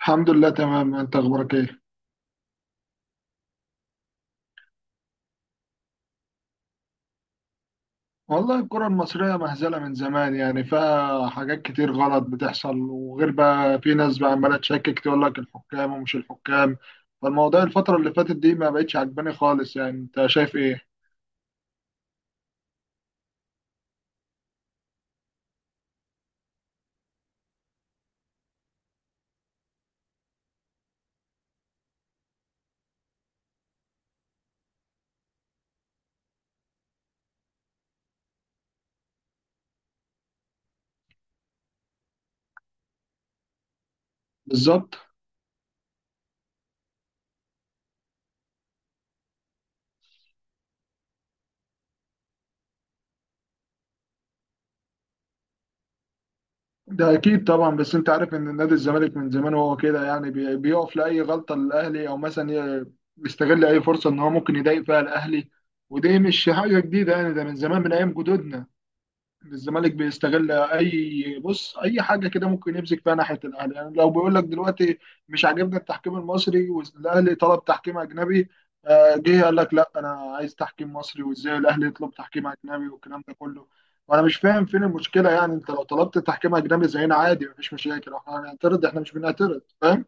الحمد لله تمام. انت اخبارك ايه؟ والله الكرة المصرية مهزلة من زمان، يعني فيها حاجات كتير غلط بتحصل، وغير بقى في ناس بقى عمالة تشكك تقول لك الحكام ومش الحكام. فالموضوع الفترة اللي فاتت دي ما بقتش عجباني خالص. يعني انت شايف ايه؟ بالظبط. ده اكيد طبعا، بس انت عارف ان نادي الزمالك من زمان وهو كده، يعني بيقف لاي غلطة للاهلي، او مثلا ي- بيستغل اي فرصة ان هو ممكن يضايق فيها الاهلي. ودي مش حاجة جديدة، يعني ده من زمان من ايام جدودنا. الزمالك بيستغل اي، بص، اي حاجه كده ممكن يمسك فيها ناحيه الاهلي. يعني لو بيقول لك دلوقتي مش عاجبنا التحكيم المصري، والاهلي طلب تحكيم اجنبي، جه قال لك لا، انا عايز تحكيم مصري. وازاي الاهلي يطلب تحكيم اجنبي والكلام ده كله؟ وانا مش فاهم فين المشكله. يعني انت لو طلبت تحكيم اجنبي زينا عادي، مفيش مشاكل، احنا هنعترض؟ احنا مش بنعترض، فاهم.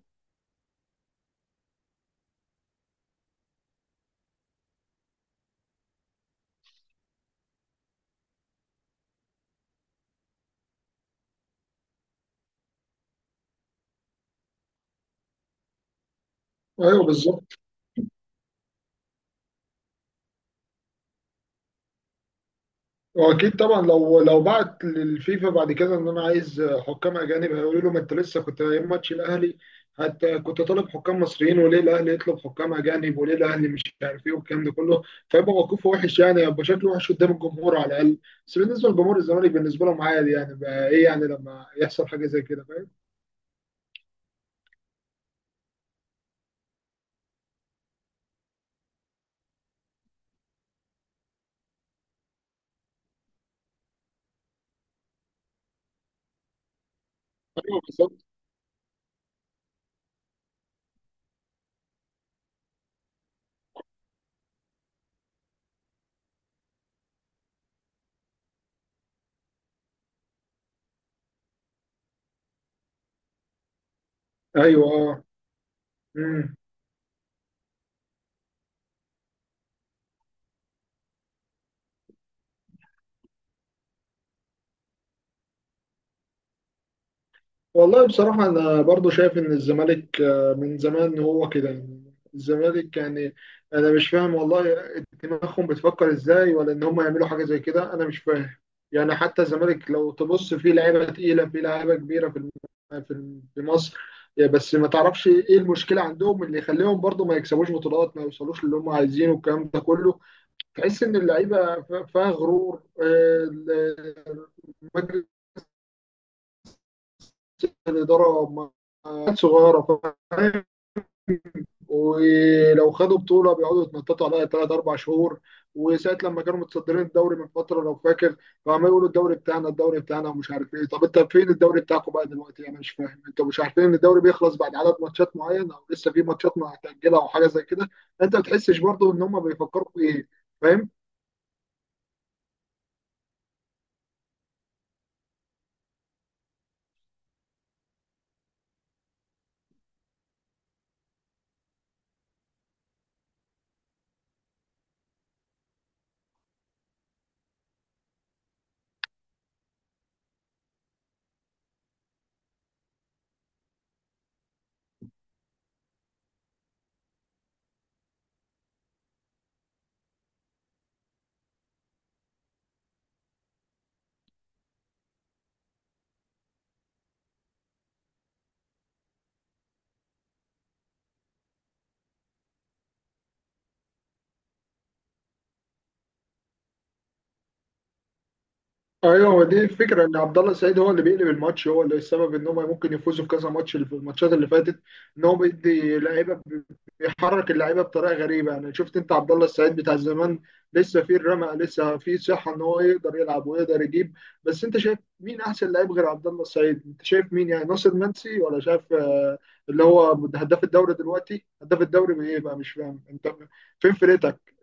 ايوه بالظبط. واكيد طبعا لو بعت للفيفا بعد كده ان انا عايز حكام اجانب، هيقولوا له ما انت لسه كنت ايام ماتش الاهلي حتى كنت طالب حكام مصريين، وليه الاهلي يطلب حكام اجانب، وليه الاهلي مش عارف ايه والكلام ده كله. فيبقى موقفه وحش، يعني يبقى شكله وحش قدام الجمهور على الاقل. بس بالنسبه لجمهور الزمالك بالنسبه لهم عادي، يعني بقى ايه يعني لما يحصل حاجه زي كده، فاهم. ايوه بالظبط. ايوه اه. مم. والله بصراحة أنا برضو شايف إن الزمالك، من زمان هو كده يعني. الزمالك يعني أنا مش فاهم والله دماغهم بتفكر إزاي، ولا إن هم يعملوا حاجة زي كده. أنا مش فاهم. يعني حتى الزمالك لو تبص فيه لعيبة تقيلة، فيه لعيبة كبيرة في في مصر. يا بس ما تعرفش إيه المشكلة عندهم اللي يخليهم برضو ما يكسبوش بطولات، ما يوصلوش للي هم عايزينه والكلام ده كله. تحس إن اللعيبة فيها غرور، مجلس الإدارة صغيرة. ولو خدوا بطوله بيقعدوا يتنططوا عليها ثلاث اربع شهور. وساعه لما كانوا متصدرين الدوري من فتره، لو فاكر، فعمالين يقولوا الدوري بتاعنا، الدوري بتاعنا، ومش عارف ايه. طب انت فين الدوري بتاعكم بقى دلوقتي؟ انا مش فاهم. انتوا مش عارفين ان الدوري بيخلص بعد عدد ماتشات معين، او لسه في ماتشات ما هتاجلها او حاجه زي كده؟ انت ما بتحسش برضه ان هم بيفكروا في ايه؟ فاهم. ايوه، هو دي الفكره، ان عبد الله السعيد هو اللي بيقلب الماتش، هو اللي السبب ان هم ممكن يفوزوا في كذا ماتش في الماتشات اللي فاتت، ان هو بيدي لعيبه، بيحرك اللعيبه بطريقه غريبه. يعني شفت انت عبد الله السعيد بتاع زمان لسه فيه الرمق، لسه فيه صحه ان هو يقدر يلعب ويقدر يجيب. بس انت شايف مين احسن لعيب غير عبد الله السعيد؟ انت شايف مين؟ يعني ناصر منسي؟ ولا شايف اللي هو هداف الدوري دلوقتي، هداف الدوري بايه بقى؟ مش فاهم انت. فين فرقتك؟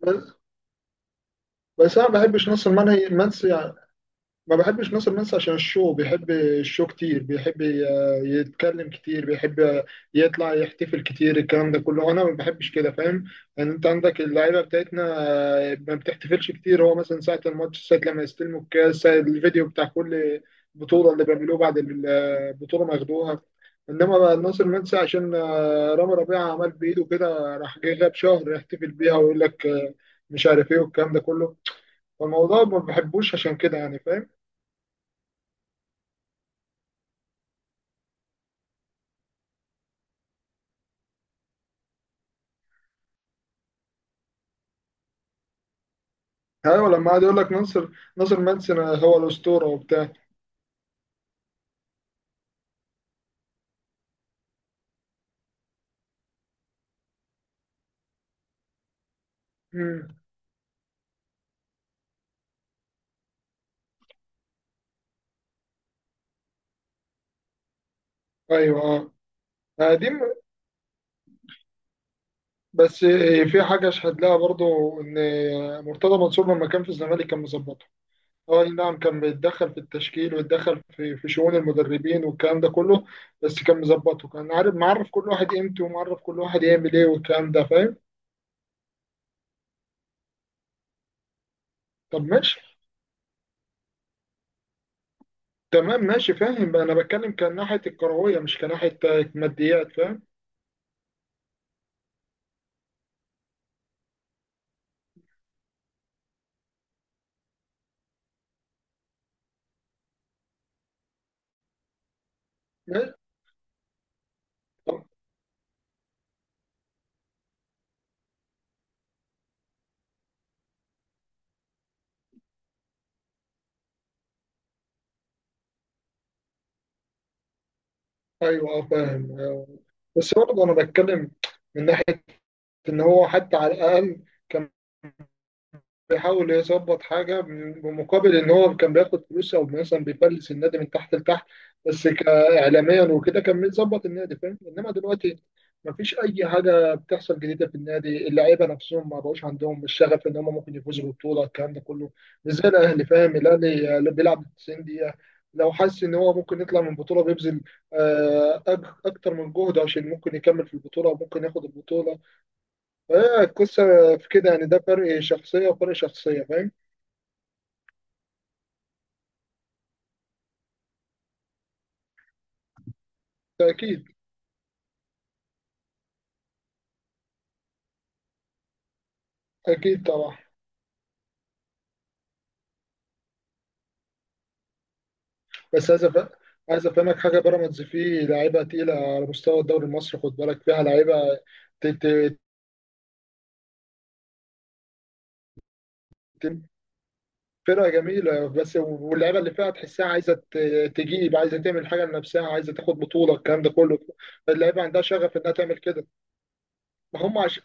بس بس انا ما بحبش ناصر منسي. ما بحبش ناصر منسي عشان الشو، بيحب الشو كتير، بيحب يتكلم كتير، بيحب يطلع يحتفل كتير، الكلام ده كله انا ما بحبش كده، فاهم؟ ان انت عندك اللعيبه بتاعتنا ما بتحتفلش كتير. هو مثلا ساعه الماتش، ساعه لما يستلموا الكاس، ساعه الفيديو بتاع كل بطوله اللي بيعملوه بعد البطوله ما ياخدوها. انما بقى ناصر منسي عشان رامي ربيعه عمل بايده كده، راح جاي غاب شهر يحتفل بيها، ويقول لك مش عارف ايه، والكلام ده كله. فالموضوع ما بحبوش عشان كده يعني، فاهم؟ ايوه لما قعد يقول لك ناصر، ناصر منسي هو الاسطوره وبتاع. امم ايوه اه. آه، دي م- بس آه، في حاجه اشهد لها برضو، ان مرتضى منصور لما كان في الزمالك كان مظبطه. اه أي نعم، كان بيتدخل في التشكيل ويتدخل في شؤون المدربين والكلام ده كله، بس كان مظبطه. كان عارف معرف كل واحد قيمته، ومعرف كل واحد يعمل ايه والكلام ده، فاهم. طب ماشي. تمام ماشي فاهم بقى، انا بتكلم كان ناحيه الكرويه، مش كناحيه ماديات، فاهم. ماشي؟ طب- ايوه فاهم. بس برضه انا بتكلم من ناحيه ان هو حتى على الاقل كان بيحاول يظبط حاجه، بمقابل ان هو كان بياخد فلوس، او مثلا بيفلس النادي من تحت لتحت. بس كاعلاميا وكده كان بيظبط النادي، فاهم؟ انما دلوقتي مفيش اي حاجه بتحصل جديده في النادي. اللعيبه نفسهم ما بقوش عندهم الشغف ان هم ممكن يفوزوا بالبطوله، الكلام ده كله. مش زي الاهلي، فاهم؟ الاهلي اللي بيلعب 90 دقيقة دقيقه، لو حس ان هو ممكن يطلع من البطوله بيبذل اكتر من جهده، عشان ممكن يكمل في البطوله وممكن ياخد البطوله. هي القصة في كده يعني، ده فرق شخصية وفرق شخصية، فاهم؟ ده أكيد. أكيد طبعا. بس عايز أفهمك حاجة، بيراميدز فيه لعيبة تقيلة على مستوى الدوري المصري، خد بالك، فيها لعيبة ت- ت- ت- فرقة جميلة. بس واللعيبة اللي فيها تحسها عايزة تجيب، عايزة تعمل حاجة لنفسها، عايزة تاخد بطولة، الكلام ده كله. اللعيبة عندها شغف إنها تعمل كده. ما هم عشان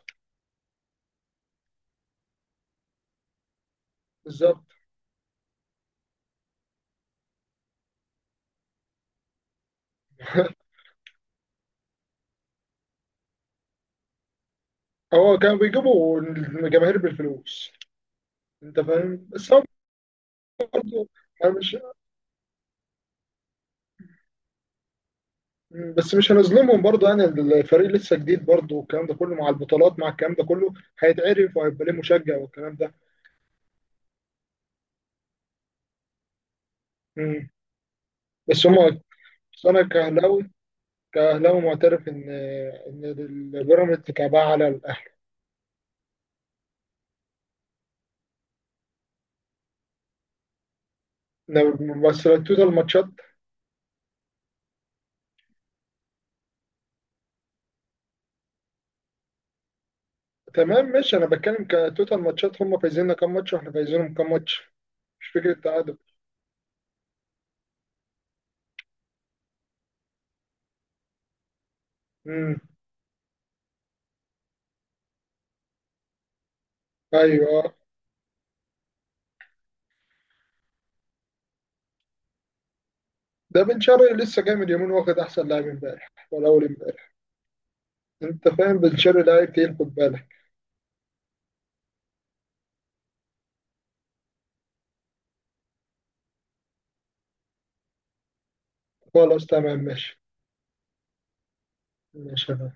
بالظبط. هو كانوا بيجيبوا الجماهير بالفلوس، أنت فاهم؟ بس هم برضه. أنا مش. مم، بس مش هنظلمهم برضه، يعني الفريق لسه جديد برضه، والكلام ده كله، مع البطولات مع الكلام ده كله هيتعرف، وهيبقى ليه مشجع والكلام ده. مم. بس هما، بس انا كاهلاوي، كاهلاوي معترف ان البيراميدز كعبها على الاهلي. إن، بس لو التوتال ماتشات. تمام ماشي. انا بتكلم كتوتال ماتشات، هما فايزيننا كام ماتش، واحنا فايزينهم كام ماتش. مش فكره تعادل. مم. ايوه. ده بن شرقي لسه جاي من يومين، واخد احسن لاعب امبارح ولا اول امبارح. انت فاهم؟ بن شرقي لاعب تقيل، خد بالك. خلاص تمام ماشي. ماشي يا فندم.